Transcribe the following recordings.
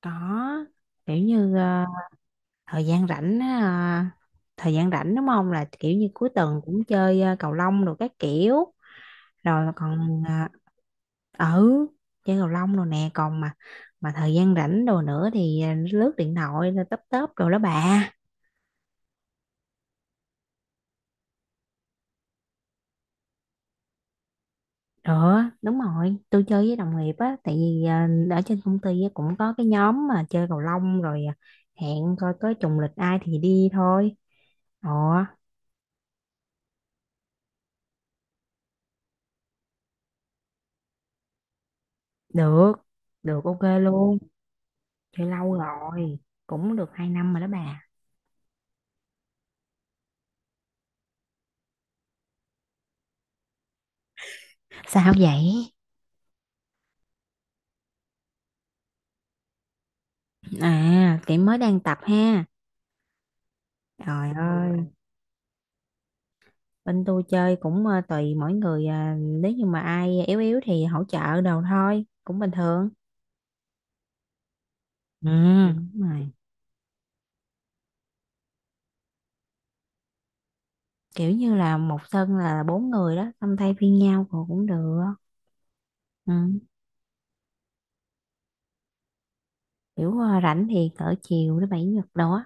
Có, kiểu như thời gian rảnh á, ờ, thời gian rảnh đúng không là kiểu như cuối tuần cũng chơi cầu lông rồi các kiểu rồi còn ừ chơi cầu lông rồi nè còn mà thời gian rảnh đồ nữa thì lướt điện thoại rồi tấp tấp rồi đó bà. Được, đúng rồi, tôi chơi với đồng nghiệp á, tại vì ở trên công ty á, cũng có cái nhóm mà chơi cầu lông rồi, à, hẹn coi có trùng lịch ai thì đi thôi. Ồ, được được ok luôn. Thì lâu rồi, cũng được 2 năm rồi đó bà. Sao vậy? À, chị mới đang tập ha. Trời ơi. Bên tôi chơi cũng tùy mỗi người à, nếu như mà ai yếu yếu thì hỗ trợ đồ thôi cũng bình thường. Ừ, đúng rồi, kiểu như là một sân là bốn người đó xong thay phiên nhau cũng cũng được. Ừ. Kiểu rảnh thì cỡ chiều thứ bảy chủ nhật đó.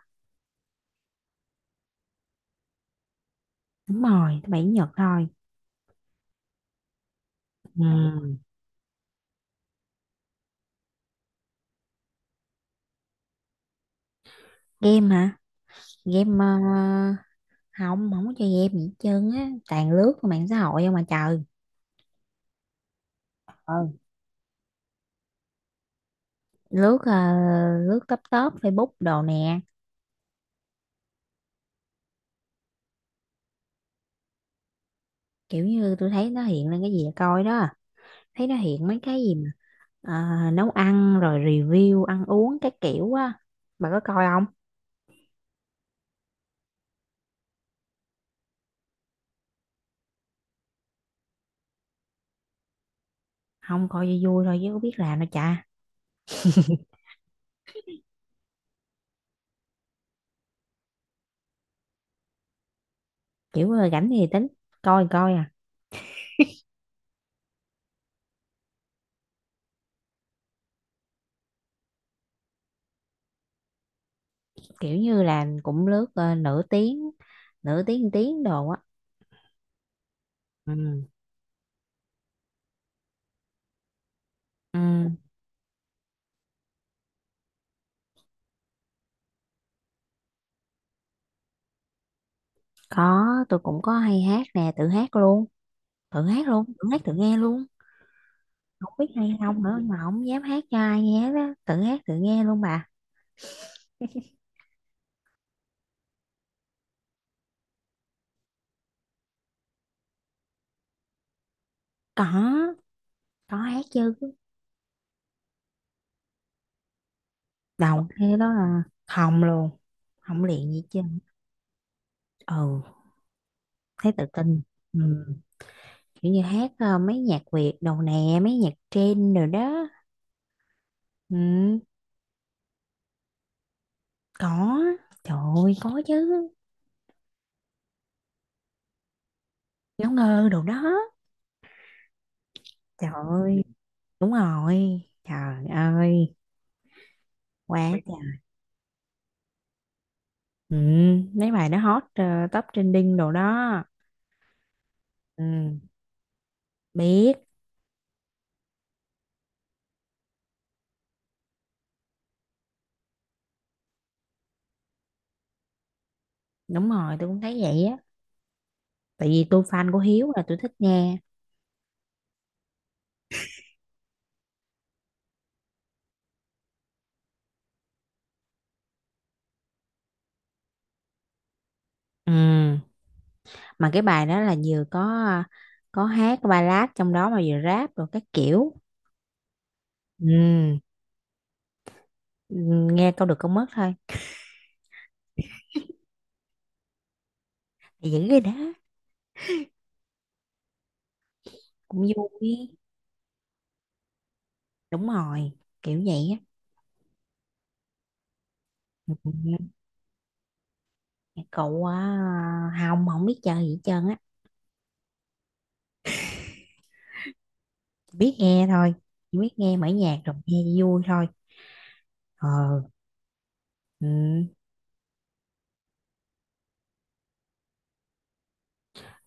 Đúng rồi, thứ bảy chủ nhật thôi. Ừ. Game hả? Game không, không có chơi game gì hết trơn á, toàn lướt qua mạng xã hội không mà trời. Ờ, lướt lướt top top Facebook đồ nè. Kiểu như tôi thấy nó hiện lên cái gì là coi đó, thấy nó hiện mấy cái gì mà nấu ăn rồi review ăn uống cái kiểu á. Bà có coi không? Không, coi cho vui thôi chứ có biết làm đâu cha. Kiểu rảnh thì tính, coi thì coi à. Kiểu như là cũng lướt nửa tiếng, nửa tiếng tiếng đồ á. Ừ. Ừ, có, tôi cũng có hay hát nè, tự hát luôn, thử hát luôn, thử hát thử nghe luôn. Không biết hay không nữa mà không dám hát cho ai nghe đó, thử hát tự nghe luôn bà. có có hát chứ. Đầu thế đó là không luôn. Không luyện gì chứ. Ừ, thấy tự tin. Ừ. Kiểu như hát mấy nhạc Việt đồ nè, mấy nhạc trend rồi đó. Ừ. Có. Trời ơi, có chứ. Ngáo ngơ đồ đó. Trời ơi, đúng rồi, trời ơi, quá trời. Ừ. Mấy bài nó hot top trending đồ đó. Ừ, biết, đúng rồi, tôi cũng thấy vậy á. Tại vì tôi fan của Hiếu là tôi thích nghe. Ừ, mà cái bài đó là vừa có hát ballad trong đó mà vừa rap rồi các kiểu. Ừ, ừ, nghe câu được câu mất thôi. Thì giữ cái đó cũng vui. Đúng rồi, kiểu vậy á. Ừ, cậu à, Hồng không biết chơi gì hết trơn á. Chỉ biết nghe thôi, chỉ biết nghe, mở nhạc rồi nghe cho vui thôi. Ờ, ừ.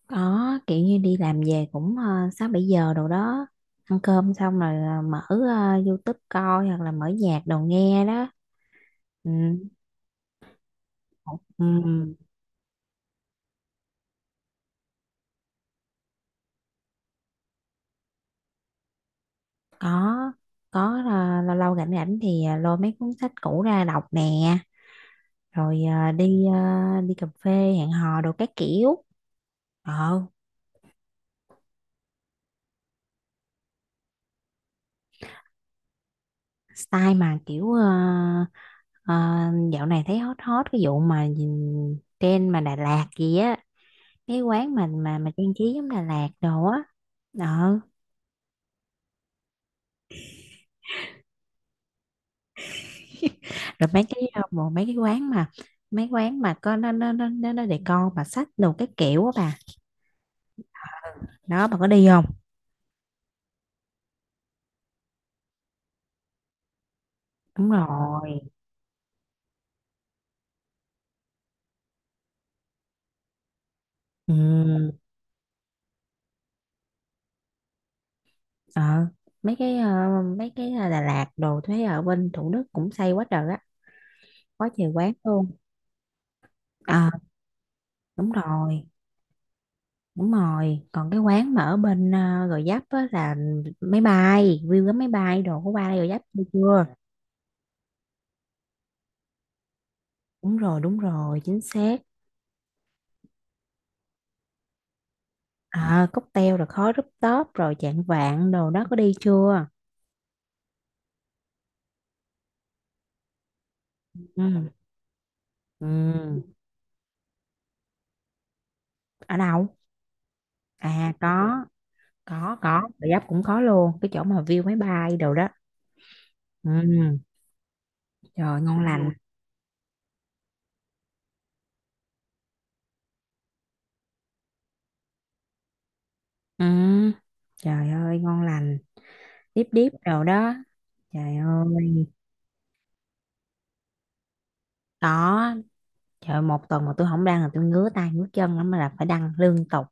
Có, kiểu như đi làm về cũng 6-7 giờ đồ đó, ăn cơm xong rồi mở YouTube coi hoặc là mở nhạc đồ nghe đó. Ừ. Ừ. Có có lâu lâu rảnh rảnh thì lôi mấy cuốn sách cũ ra đọc nè, rồi đi cà phê, hẹn hò đồ các kiểu. Ờ, style mà kiểu ờ, dạo này thấy hot hot cái vụ mà nhìn trend mà Đà Lạt gì á, cái quán mình mà trang trí giống Đà Lạt đồ á, đó. Rồi mấy cái bộ mấy cái quán mà mấy quán mà có nó để con mà sách đồ cái kiểu á bà. Đó, bà có đi không? Đúng rồi. Ừ. Ờ, mấy cái Đà Lạt đồ thấy ở bên Thủ Đức cũng xây quá trời á, có nhiều quán luôn. Ờ, đúng rồi, đúng rồi. Còn cái quán mà ở bên Gò Vấp á là máy bay view cái máy bay đồ của ba Gò Vấp chưa chưa? Đúng rồi, đúng rồi, chính xác. À, cocktail rồi khói rooftop top rồi chạng vạng đồ đó, có đi chưa? Ừ. Ừ. Ở đâu? À, có, Bà Giáp cũng có luôn cái chỗ mà view máy bay đồ đó. Ừ. Trời, ngon lành. Ừ. Trời ơi, ngon lành, điếp điếp đồ đó. Trời ơi. Có, trời ơi, một tuần mà tôi không đăng là tôi ngứa tay ngứa chân lắm mà, là phải đăng liên tục.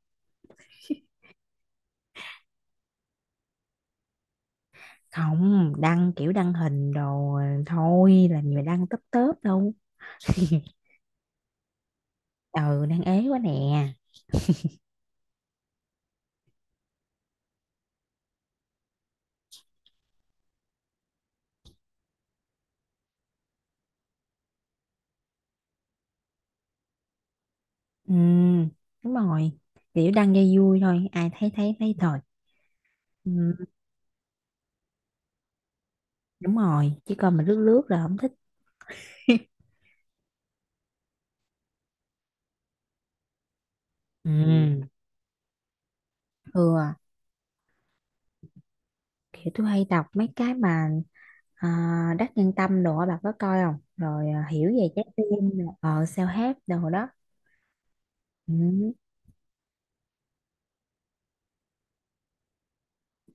Không, đăng kiểu đăng hình đồ thôi, làm gì mà đăng tấp tớp đâu. Ừ, đang ế quá nè. Ừ, đúng rồi. Kiểu đăng dây vui thôi, ai thấy thấy thấy thôi. Ừ, đúng rồi, chứ còn mà lướt lướt là không thích. Ừ, ừ, kiểu tôi hay đọc mấy cái mà à, Đắc Nhân Tâm đồ á, bà có coi không? Rồi à, hiểu về trái tim, rồi, self help đồ đó. Ừ,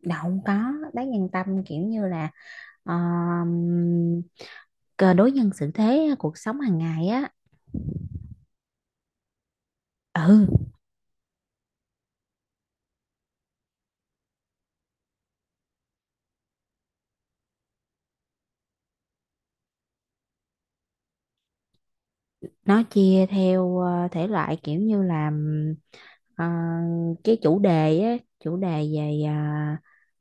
đâu không có, Đắc Nhân Tâm kiểu như là ờ, cờ đối nhân xử thế cuộc sống hàng ngày á. Ừ, nó chia theo thể loại kiểu như là ờ, cái chủ đề á, chủ đề về à,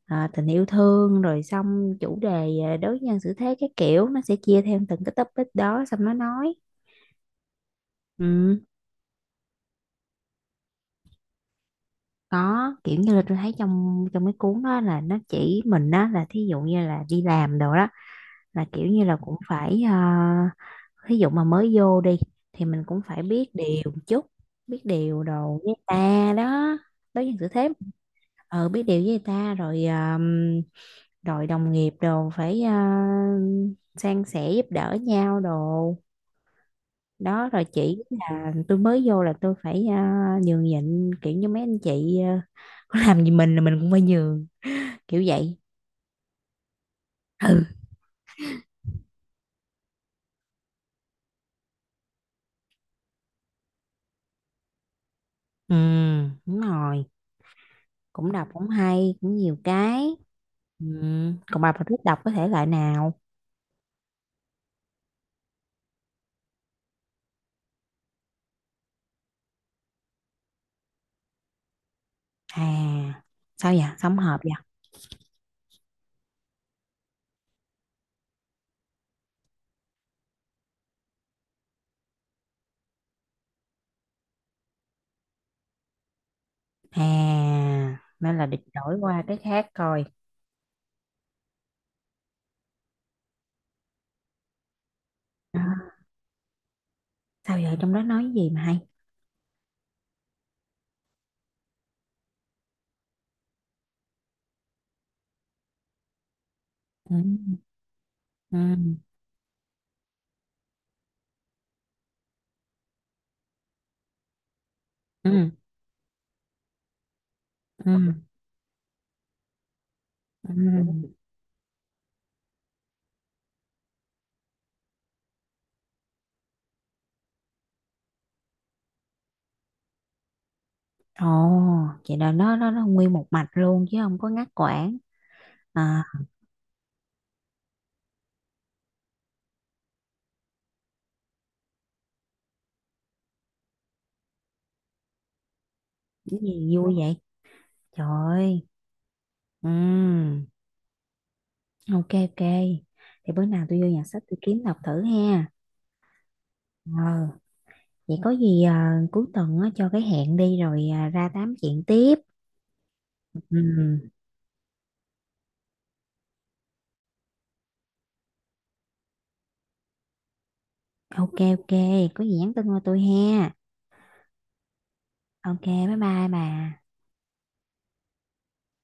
à, tình yêu thương rồi xong chủ đề à, đối nhân xử thế, cái kiểu nó sẽ chia theo từng cái topic đó xong nó nói. Ừ, có, kiểu như là tôi thấy trong trong cái cuốn đó là nó chỉ mình đó, là thí dụ như là đi làm đồ đó, là kiểu như là cũng phải à, thí dụ mà mới vô đi thì mình cũng phải biết điều một chút, biết điều đồ với ta đó, đối nhân xử thế. Ờ, biết điều với người ta rồi rồi đồng nghiệp đồ phải san sẻ giúp đỡ nhau đồ đó, rồi chỉ là tôi mới vô là tôi phải nhường nhịn kiểu như mấy anh chị có làm gì mình là mình cũng phải nhường, kiểu vậy. Ừ, đúng rồi, cũng đọc cũng hay cũng nhiều cái. Ừ. Còn bà thích đọc có thể loại nào? À, sao vậy, sống hợp vậy? À, nên là định đổi qua cái khác coi. À, sao vậy, trong đó nói gì mà hay? Ừ. Ừ, ừ. Ừ, ừ. Ồ, vậy là nó nguyên một mạch luôn chứ không có ngắt quãng, à. Cái gì vui vậy? Trời ơi. Ừ. Ok, ok, thì bữa nào tôi vô nhà sách tôi kiếm đọc thử ha. Ờ. Vậy có gì à, cuối tuần á, cho cái hẹn đi rồi à, ra tám chuyện tiếp. Ừ. Ok, ok, có gì nhắn tin qua tôi ha. Ok, bye bye bà.